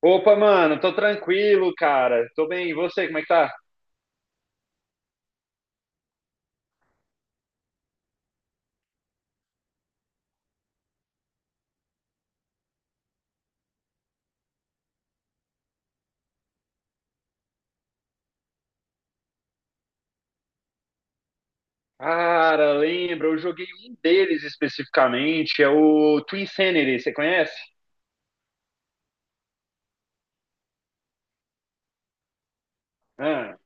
Opa, mano, tô tranquilo, cara. Tô bem. E você, como é que tá? Cara, lembra, eu joguei um deles especificamente, é o Twin Sanity, você conhece? Ah,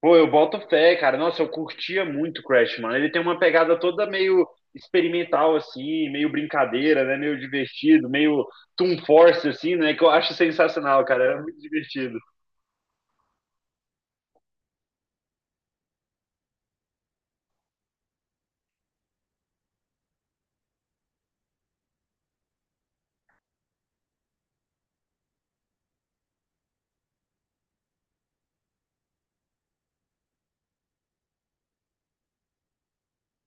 pô, eu boto fé, cara. Nossa, eu curtia muito Crash, mano. Ele tem uma pegada toda meio experimental, assim, meio brincadeira, né? Meio divertido, meio Toon Force, assim, né? Que eu acho sensacional, cara. Era muito divertido.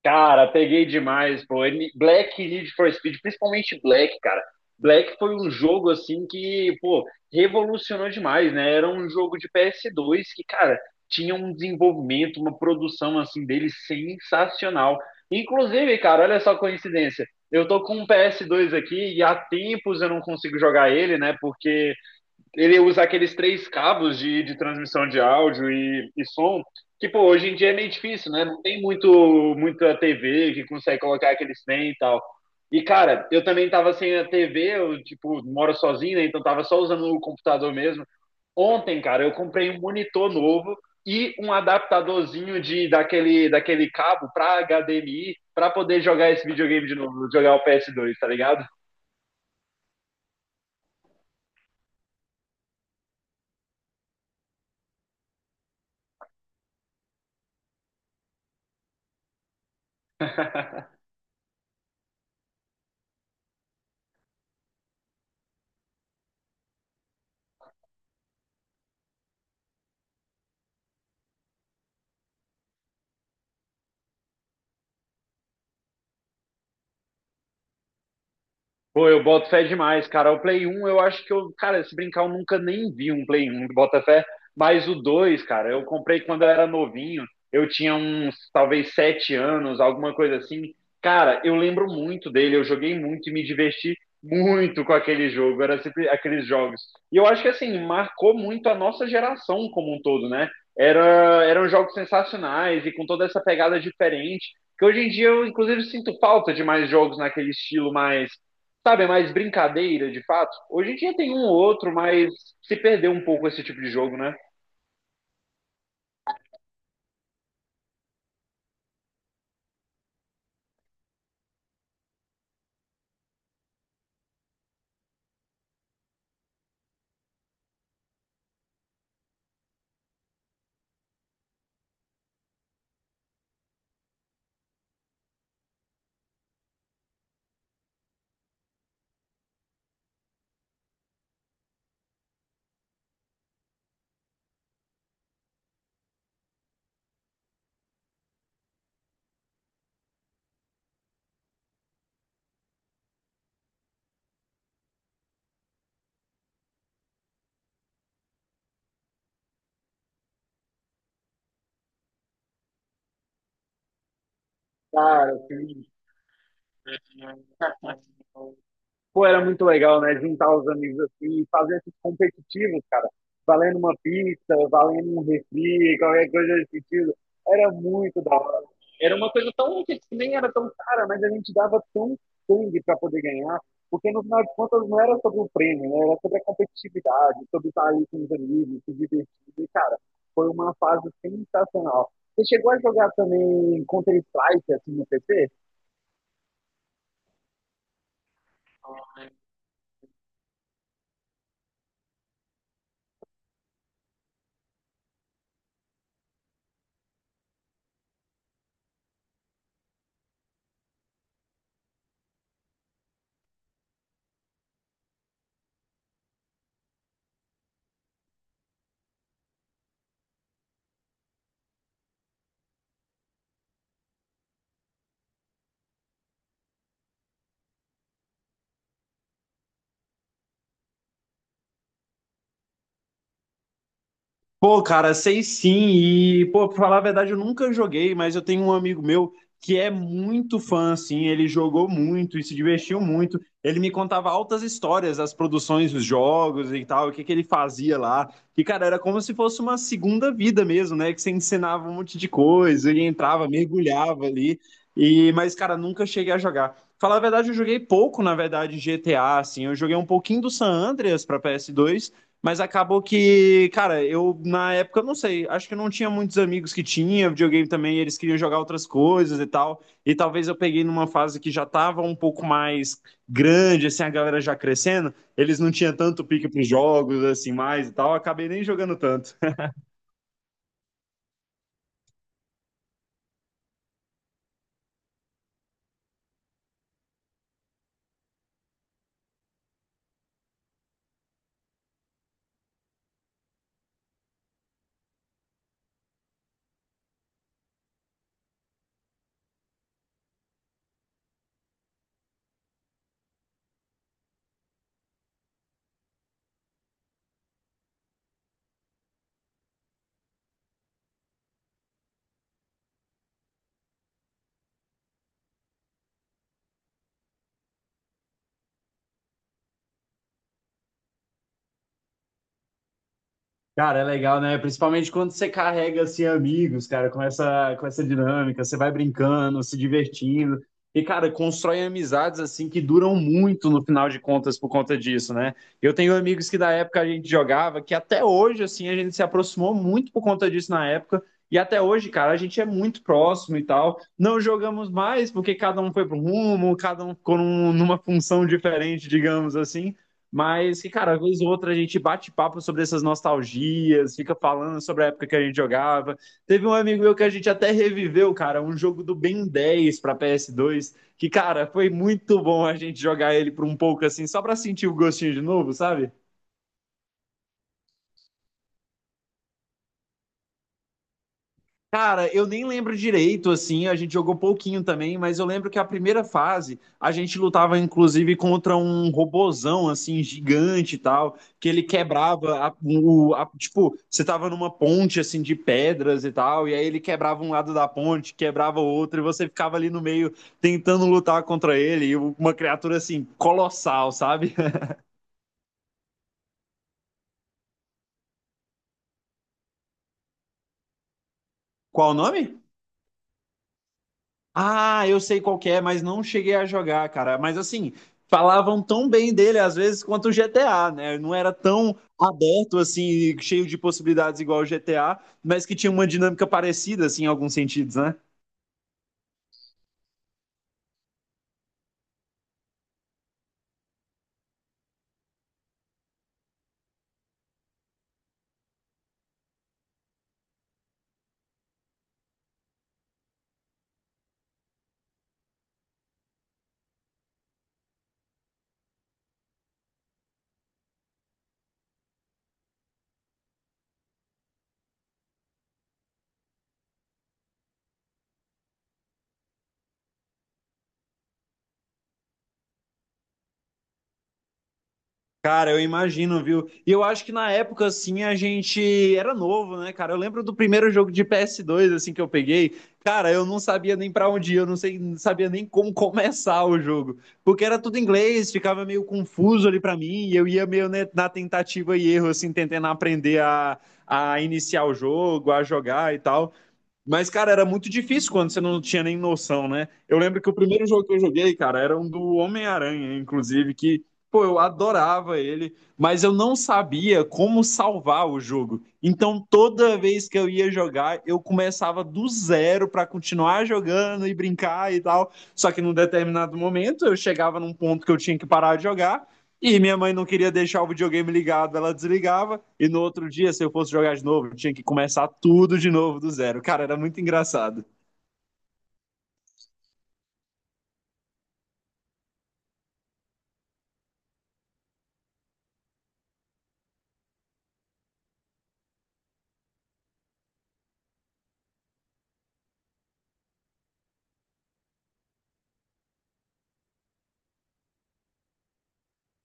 Cara, peguei demais, pô. Black e Need for Speed, principalmente Black, cara. Black foi um jogo assim que, pô, revolucionou demais, né? Era um jogo de PS2 que, cara, tinha um desenvolvimento, uma produção assim dele sensacional. Inclusive, cara, olha só a coincidência. Eu tô com um PS2 aqui e há tempos eu não consigo jogar ele, né? Porque ele usa aqueles três cabos de transmissão de áudio e som, que pô, hoje em dia é meio difícil, né? Não tem muito muita TV que consegue colocar aqueles trem e tal. E cara, eu também tava sem a TV, eu tipo, moro sozinho, né? Então tava só usando o computador mesmo. Ontem, cara, eu comprei um monitor novo e um adaptadorzinho de daquele cabo para HDMI para poder jogar esse videogame de novo, jogar o PS2, tá ligado? Pô, eu boto fé demais, cara. O Play 1, eu acho que eu, cara, se brincar, eu nunca nem vi um Play 1 do Botafé, mas o 2, cara, eu comprei quando eu era novinho, eu tinha uns, talvez, 7 anos, alguma coisa assim. Cara, eu lembro muito dele, eu joguei muito e me diverti muito com aquele jogo, era sempre aqueles jogos. E eu acho que, assim, marcou muito a nossa geração como um todo, né? Era, eram jogos sensacionais e com toda essa pegada diferente, que hoje em dia eu, inclusive, sinto falta de mais jogos naquele estilo mais, sabe, é mais brincadeira de fato. Hoje em dia tem um ou outro, mas se perdeu um pouco esse tipo de jogo, né? Cara, tem. Pô, era muito legal, né? Juntar os amigos assim e fazer esses competitivos, cara. Valendo uma pizza, valendo um refri, qualquer coisa desse sentido. Era muito da hora. Era uma coisa tão que nem era tão cara, mas a gente dava tão sangue para poder ganhar, porque no final de contas não era sobre o prêmio, né? Era sobre a competitividade, sobre estar ali com os amigos, se divertir. E, cara, foi uma fase sensacional. Você chegou a jogar também Counter-Strike assim no PC? Pô, cara, sei sim. E, pô, pra falar a verdade, eu nunca joguei, mas eu tenho um amigo meu que é muito fã, assim. Ele jogou muito e se divertiu muito. Ele me contava altas histórias das produções dos jogos e tal, o que que ele fazia lá. E, cara, era como se fosse uma segunda vida mesmo, né? Que você ensinava um monte de coisa, ele entrava, mergulhava ali. E, mas, cara, nunca cheguei a jogar. Falar a verdade, eu joguei pouco, na verdade, GTA, assim. Eu joguei um pouquinho do San Andreas pra PS2. Mas acabou que, cara, eu na época, eu não sei, acho que eu não tinha muitos amigos que tinha videogame também, eles queriam jogar outras coisas e tal. E talvez eu peguei numa fase que já tava um pouco mais grande, assim, a galera já crescendo, eles não tinham tanto pique pros jogos, assim, mais e tal, acabei nem jogando tanto. Cara, é legal, né? Principalmente quando você carrega assim amigos, cara, com essa dinâmica, você vai brincando, se divertindo. E cara, constrói amizades assim que duram muito no final de contas por conta disso, né? Eu tenho amigos que da época a gente jogava, que até hoje assim a gente se aproximou muito por conta disso na época, e até hoje, cara, a gente é muito próximo e tal. Não jogamos mais porque cada um foi pro rumo, cada um ficou numa função diferente, digamos assim. Mas que, cara, vez ou outra a gente bate papo sobre essas nostalgias, fica falando sobre a época que a gente jogava. Teve um amigo meu que a gente até reviveu, cara, um jogo do Ben 10 para PS2, que, cara, foi muito bom a gente jogar ele por um pouco assim, só pra sentir o gostinho de novo, sabe? Cara, eu nem lembro direito, assim, a gente jogou pouquinho também, mas eu lembro que a primeira fase a gente lutava inclusive contra um robozão, assim, gigante e tal, que ele quebrava, tipo, você tava numa ponte, assim, de pedras e tal, e aí ele quebrava um lado da ponte, quebrava o outro, e você ficava ali no meio tentando lutar contra ele, e uma criatura, assim, colossal, sabe? Qual o nome? Ah, eu sei qual que é, mas não cheguei a jogar, cara. Mas assim, falavam tão bem dele às vezes quanto o GTA, né? Não era tão aberto assim, cheio de possibilidades igual o GTA, mas que tinha uma dinâmica parecida assim em alguns sentidos, né? Cara, eu imagino, viu? E eu acho que na época, assim, a gente era novo, né, cara? Eu lembro do primeiro jogo de PS2, assim, que eu peguei. Cara, eu não sabia nem pra onde ir, eu não sei, não sabia nem como começar o jogo. Porque era tudo em inglês, ficava meio confuso ali pra mim, e eu ia meio, né, na tentativa e erro, assim, tentando aprender a iniciar o jogo, a jogar e tal. Mas, cara, era muito difícil quando você não tinha nem noção, né? Eu lembro que o primeiro jogo que eu joguei, cara, era um do Homem-Aranha, inclusive, que, pô, eu adorava ele, mas eu não sabia como salvar o jogo. Então, toda vez que eu ia jogar, eu começava do zero pra continuar jogando e brincar e tal. Só que num determinado momento, eu chegava num ponto que eu tinha que parar de jogar. E minha mãe não queria deixar o videogame ligado, ela desligava. E no outro dia, se eu fosse jogar de novo, eu tinha que começar tudo de novo do zero. Cara, era muito engraçado.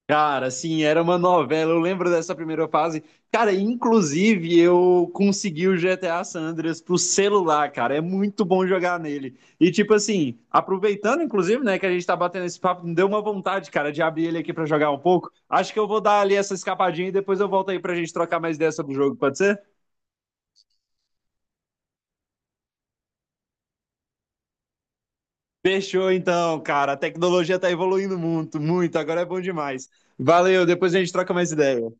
Cara, assim, era uma novela. Eu lembro dessa primeira fase. Cara, inclusive eu consegui o GTA San Andreas pro celular, cara. É muito bom jogar nele. E tipo assim, aproveitando inclusive, né, que a gente tá batendo esse papo, me deu uma vontade, cara, de abrir ele aqui para jogar um pouco. Acho que eu vou dar ali essa escapadinha e depois eu volto aí pra gente trocar mais ideia sobre o jogo, pode ser? Fechou então, cara. A tecnologia tá evoluindo muito, muito. Agora é bom demais. Valeu, depois a gente troca mais ideia.